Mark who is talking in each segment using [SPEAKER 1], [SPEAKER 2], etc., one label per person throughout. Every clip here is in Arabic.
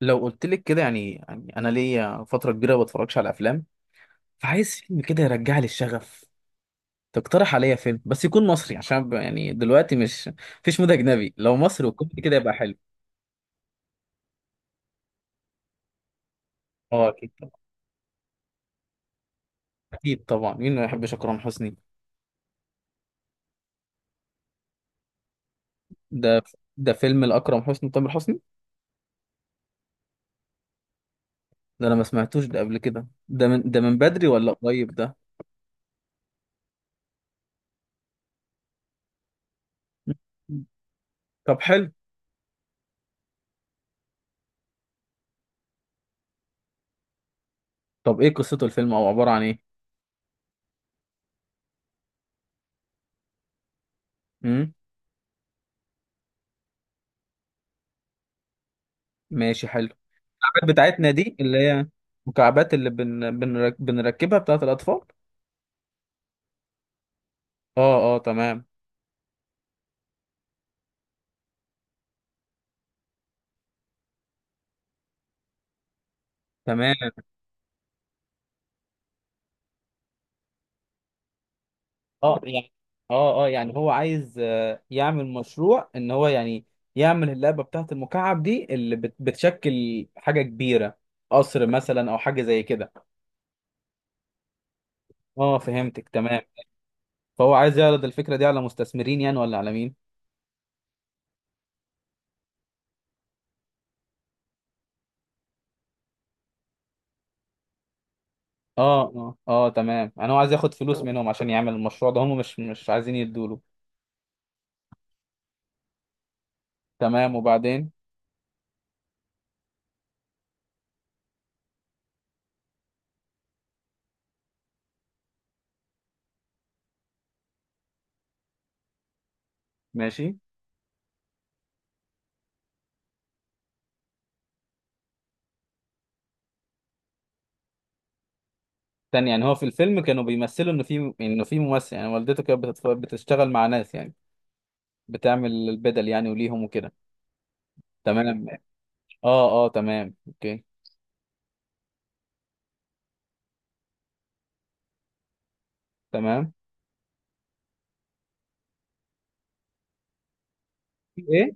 [SPEAKER 1] لو قلت لك كده يعني انا ليا فتره كبيره ما بتفرجش على افلام، فعايز فيلم كده يرجع لي الشغف. تقترح عليا فيلم بس يكون مصري عشان يعني دلوقتي مش مفيش مود اجنبي، لو مصري وكوميدي كده يبقى حلو. اه اكيد طبعا، اكيد طبعا مين ما يحبش اكرم حسني. ده ده فيلم لاكرم حسني وتامر حسني. ده انا ما سمعتوش ده قبل كده، ده من بدري ولا قريب؟ ده مم. طب حلو. طب ايه قصته الفيلم او عباره عن ايه؟ امم ماشي حلو. بتاعتنا دي اللي هي مكعبات، اللي بنركبها بتاعت الأطفال. اه اه تمام. تمام اه يعني، اه اه يعني هو عايز، يعمل مشروع ان هو يعني يعمل اللعبة بتاعت المكعب دي، اللي بتشكل حاجة كبيرة، قصر مثلا او حاجة زي كده. اه فهمتك تمام. فهو عايز يعرض الفكرة دي على مستثمرين يعني، ولا على مين؟ اه اه اه تمام، يعني هو عايز ياخد فلوس منهم عشان يعمل المشروع ده، هم مش عايزين يدوله. تمام وبعدين. ماشي. تاني يعني هو في الفيلم كانوا بيمثلوا انه في ممثل يعني، والدته كانت بتشتغل مع ناس يعني، بتعمل البدل يعني وليهم وكده. تمام ماشي. اه اه تمام اوكي. تمام. ايه.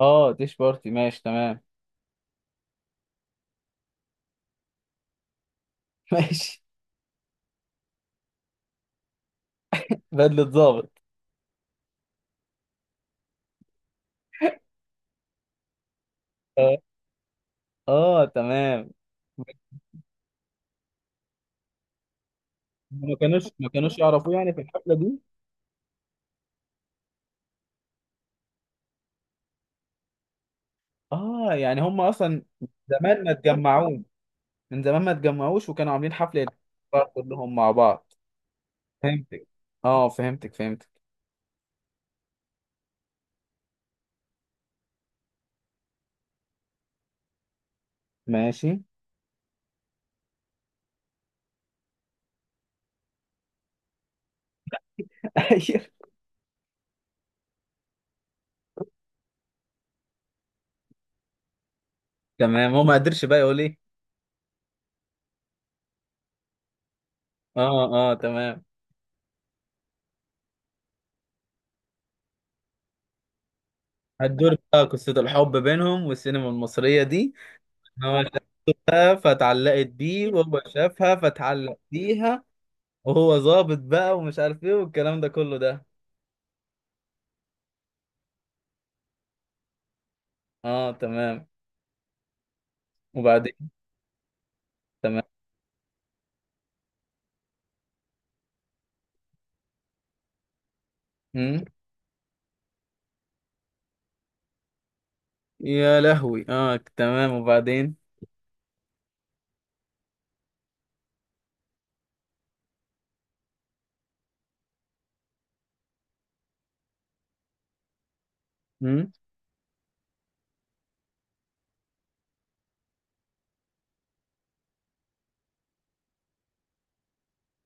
[SPEAKER 1] اه ديش بارتي ماشي تمام. ماشي. بدلة ضابط. اه. اه تمام. ما كانوش يعرفوه يعني في الحفلة دي؟ اه يعني هم اصلا زمان ما اتجمعوش من زمان ما اتجمعوش وكانوا عاملين حفلة كلهم مع بعض. فهمتك. اه فهمتك فهمتك. ماشي. ايوه. تمام، هو ما قدرش بقى يقول ايه. اه اه تمام. هتدور بقى قصة الحب بينهم، والسينما المصرية دي، إن هو شافها فتعلقت بيه، وهو شافها فتعلق بيها. وهو ظابط بقى، ومش عارف ايه والكلام ده كله ده. اه تمام وبعدين. تمام. مم. يا لهوي اه تمام وبعدين. مم.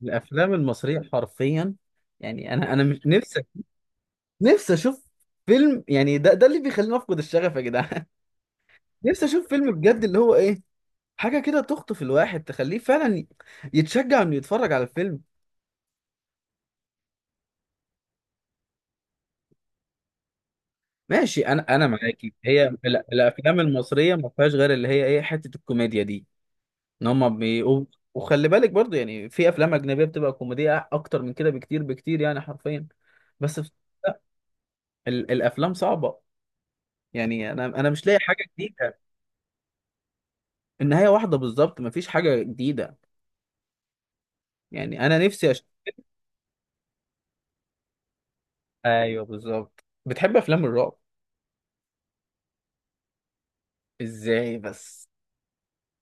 [SPEAKER 1] الافلام المصرية حرفيا، يعني انا مش نفسي، نفسي اشوف فيلم، يعني ده اللي بيخليني افقد الشغف يا جدعان. نفسي اشوف فيلم بجد، اللي هو ايه، حاجه كده تخطف الواحد، تخليه فعلا يتشجع انه يتفرج على الفيلم. ماشي، انا معاكي، هي الافلام المصريه ما فيهاش غير اللي هي ايه حته الكوميديا دي، ان هم بيقوا. وخلي بالك برضو، يعني في افلام اجنبيه بتبقى كوميديه اكتر من كده بكتير بكتير يعني، حرفيا. بس في... لا الافلام صعبه، يعني انا مش لاقي حاجه جديده. النهايه واحده بالظبط، ما فيش حاجه جديده. يعني انا نفسي ايوه بالظبط. بتحب افلام الرعب؟ ازاي بس.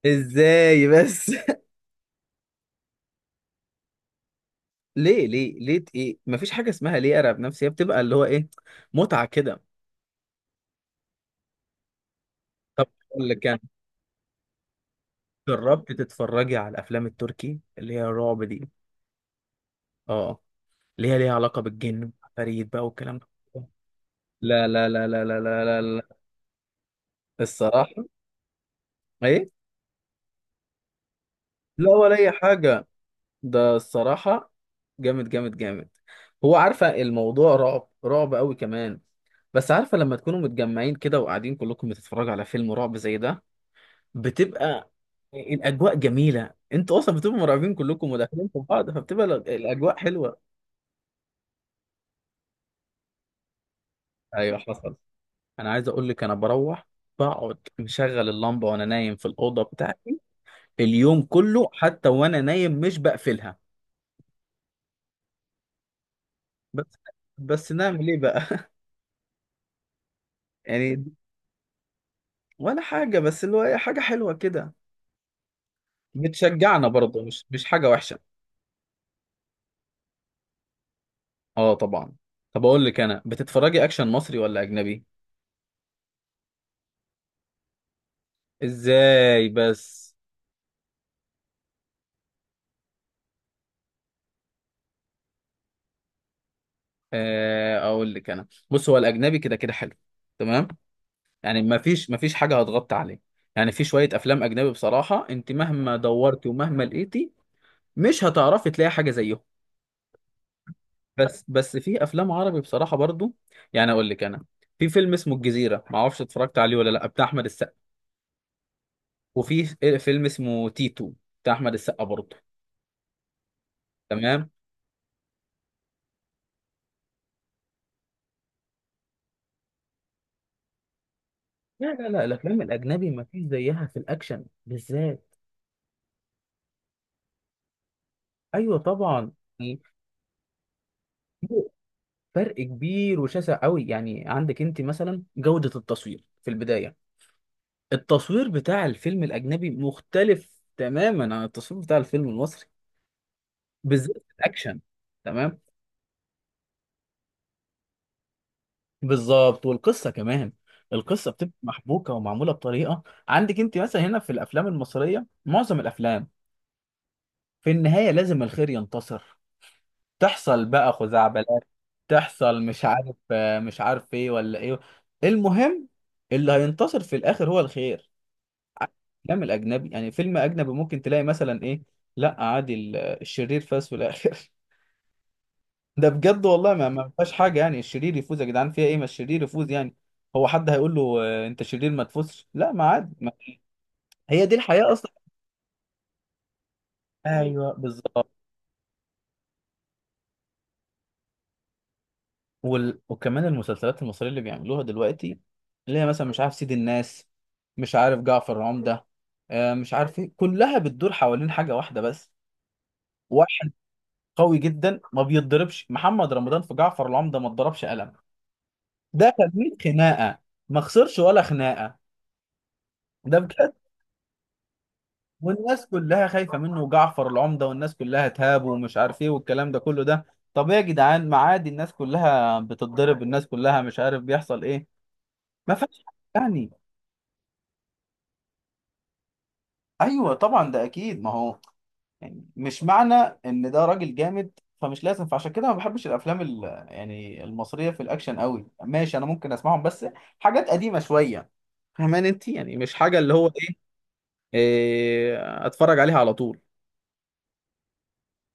[SPEAKER 1] ازاي بس. ليه ليه ليه ايه، مفيش حاجه اسمها ليه ارعب نفسي، هي بتبقى اللي هو ايه، متعه كده. طب اقول لك يعني، جربت تتفرجي على الافلام التركي اللي هي الرعب دي؟ اه، اللي هي ليها علاقه بالجن فريد بقى والكلام ده. لا لا لا لا لا لا لا لا. الصراحه، ايه، لا ولا اي حاجه، ده الصراحه جامد جامد جامد. هو عارفه الموضوع رعب رعب قوي كمان، بس عارفه لما تكونوا متجمعين كده وقاعدين كلكم بتتفرجوا على فيلم رعب زي ده، بتبقى الاجواء جميله، انتوا اصلا بتبقوا مرعوبين كلكم وداخلين في بعض، فبتبقى الاجواء حلوه. ايوه حصل. انا عايز اقول لك، انا بروح بقعد مشغل اللمبه وانا نايم في الاوضه بتاعتي، اليوم كله حتى وانا نايم مش بقفلها. بس بس نعمل ايه بقى. يعني، ولا حاجه بس اللي هو حاجه حلوه كده، بتشجعنا برضه، مش حاجه وحشه. اه طبعا. طب اقول لك، انا بتتفرجي اكشن مصري ولا اجنبي؟ ازاي بس. اقول لك انا، بص هو الاجنبي كده كده حلو، تمام، يعني ما فيش حاجه هتغطي عليه. يعني في شويه افلام اجنبي بصراحه، انت مهما دورتي ومهما لقيتي مش هتعرفي تلاقي حاجه زيهم. بس في افلام عربي بصراحه برضو، يعني اقول لك انا، في فيلم اسمه الجزيره، ما اعرفش اتفرجت عليه ولا لا، بتاع احمد السقا. وفي فيلم اسمه تيتو بتاع احمد السقا برضو. تمام. لا لا لا الافلام الاجنبي ما فيش زيها في الاكشن بالذات. ايوه طبعا. فرق كبير وشاسع قوي، يعني عندك انت مثلا جودة التصوير في البداية، التصوير بتاع الفيلم الأجنبي مختلف تماما عن التصوير بتاع الفيلم المصري، بالذات في الأكشن. تمام. بالظبط، والقصة كمان القصة بتبقى محبوكة ومعمولة بطريقة، عندك انت مثلا هنا في الأفلام المصرية معظم الأفلام في النهاية لازم الخير ينتصر، تحصل بقى خزعبلات، تحصل مش عارف، مش عارف ايه ولا ايه، المهم اللي هينتصر في الآخر هو الخير. الافلام الاجنبي يعني، فيلم اجنبي ممكن تلاقي مثلا ايه، لا عادي الشرير فاز في الاخر. ده بجد والله، ما فيهاش حاجه يعني الشرير يفوز يا جدعان، فيها ايه ما الشرير يفوز يعني، هو حد هيقول له انت شرير ما تفوزش؟ لا ما عادي ما. هي دي الحياه اصلا. ايوه بالظبط. وكمان المسلسلات المصريه اللي بيعملوها دلوقتي، اللي هي مثلا مش عارف سيد الناس، مش عارف جعفر العمده، مش عارف ايه، كلها بتدور حوالين حاجه واحده بس، واحد قوي جدا ما بيتضربش. محمد رمضان في جعفر العمده ما اتضربش قلم، ده كان 100 خناقه ما خسرش ولا خناقه، ده بجد. والناس كلها خايفه منه، وجعفر العمده والناس كلها تهابه ومش عارف ايه والكلام ده كله ده. طب ايه يا جدعان، ما عادي الناس كلها بتتضرب، الناس كلها مش عارف بيحصل ايه، ما فيهاش حاجة يعني. ايوه طبعا، ده اكيد ما هو، يعني مش معنى ان ده راجل جامد فمش لازم، فعشان كده ما بحبش الافلام يعني المصريه في الاكشن قوي، ماشي انا ممكن اسمعهم بس حاجات قديمه شويه، فاهمان انت يعني، مش حاجه اللي هو إيه. إيه، اتفرج عليها على طول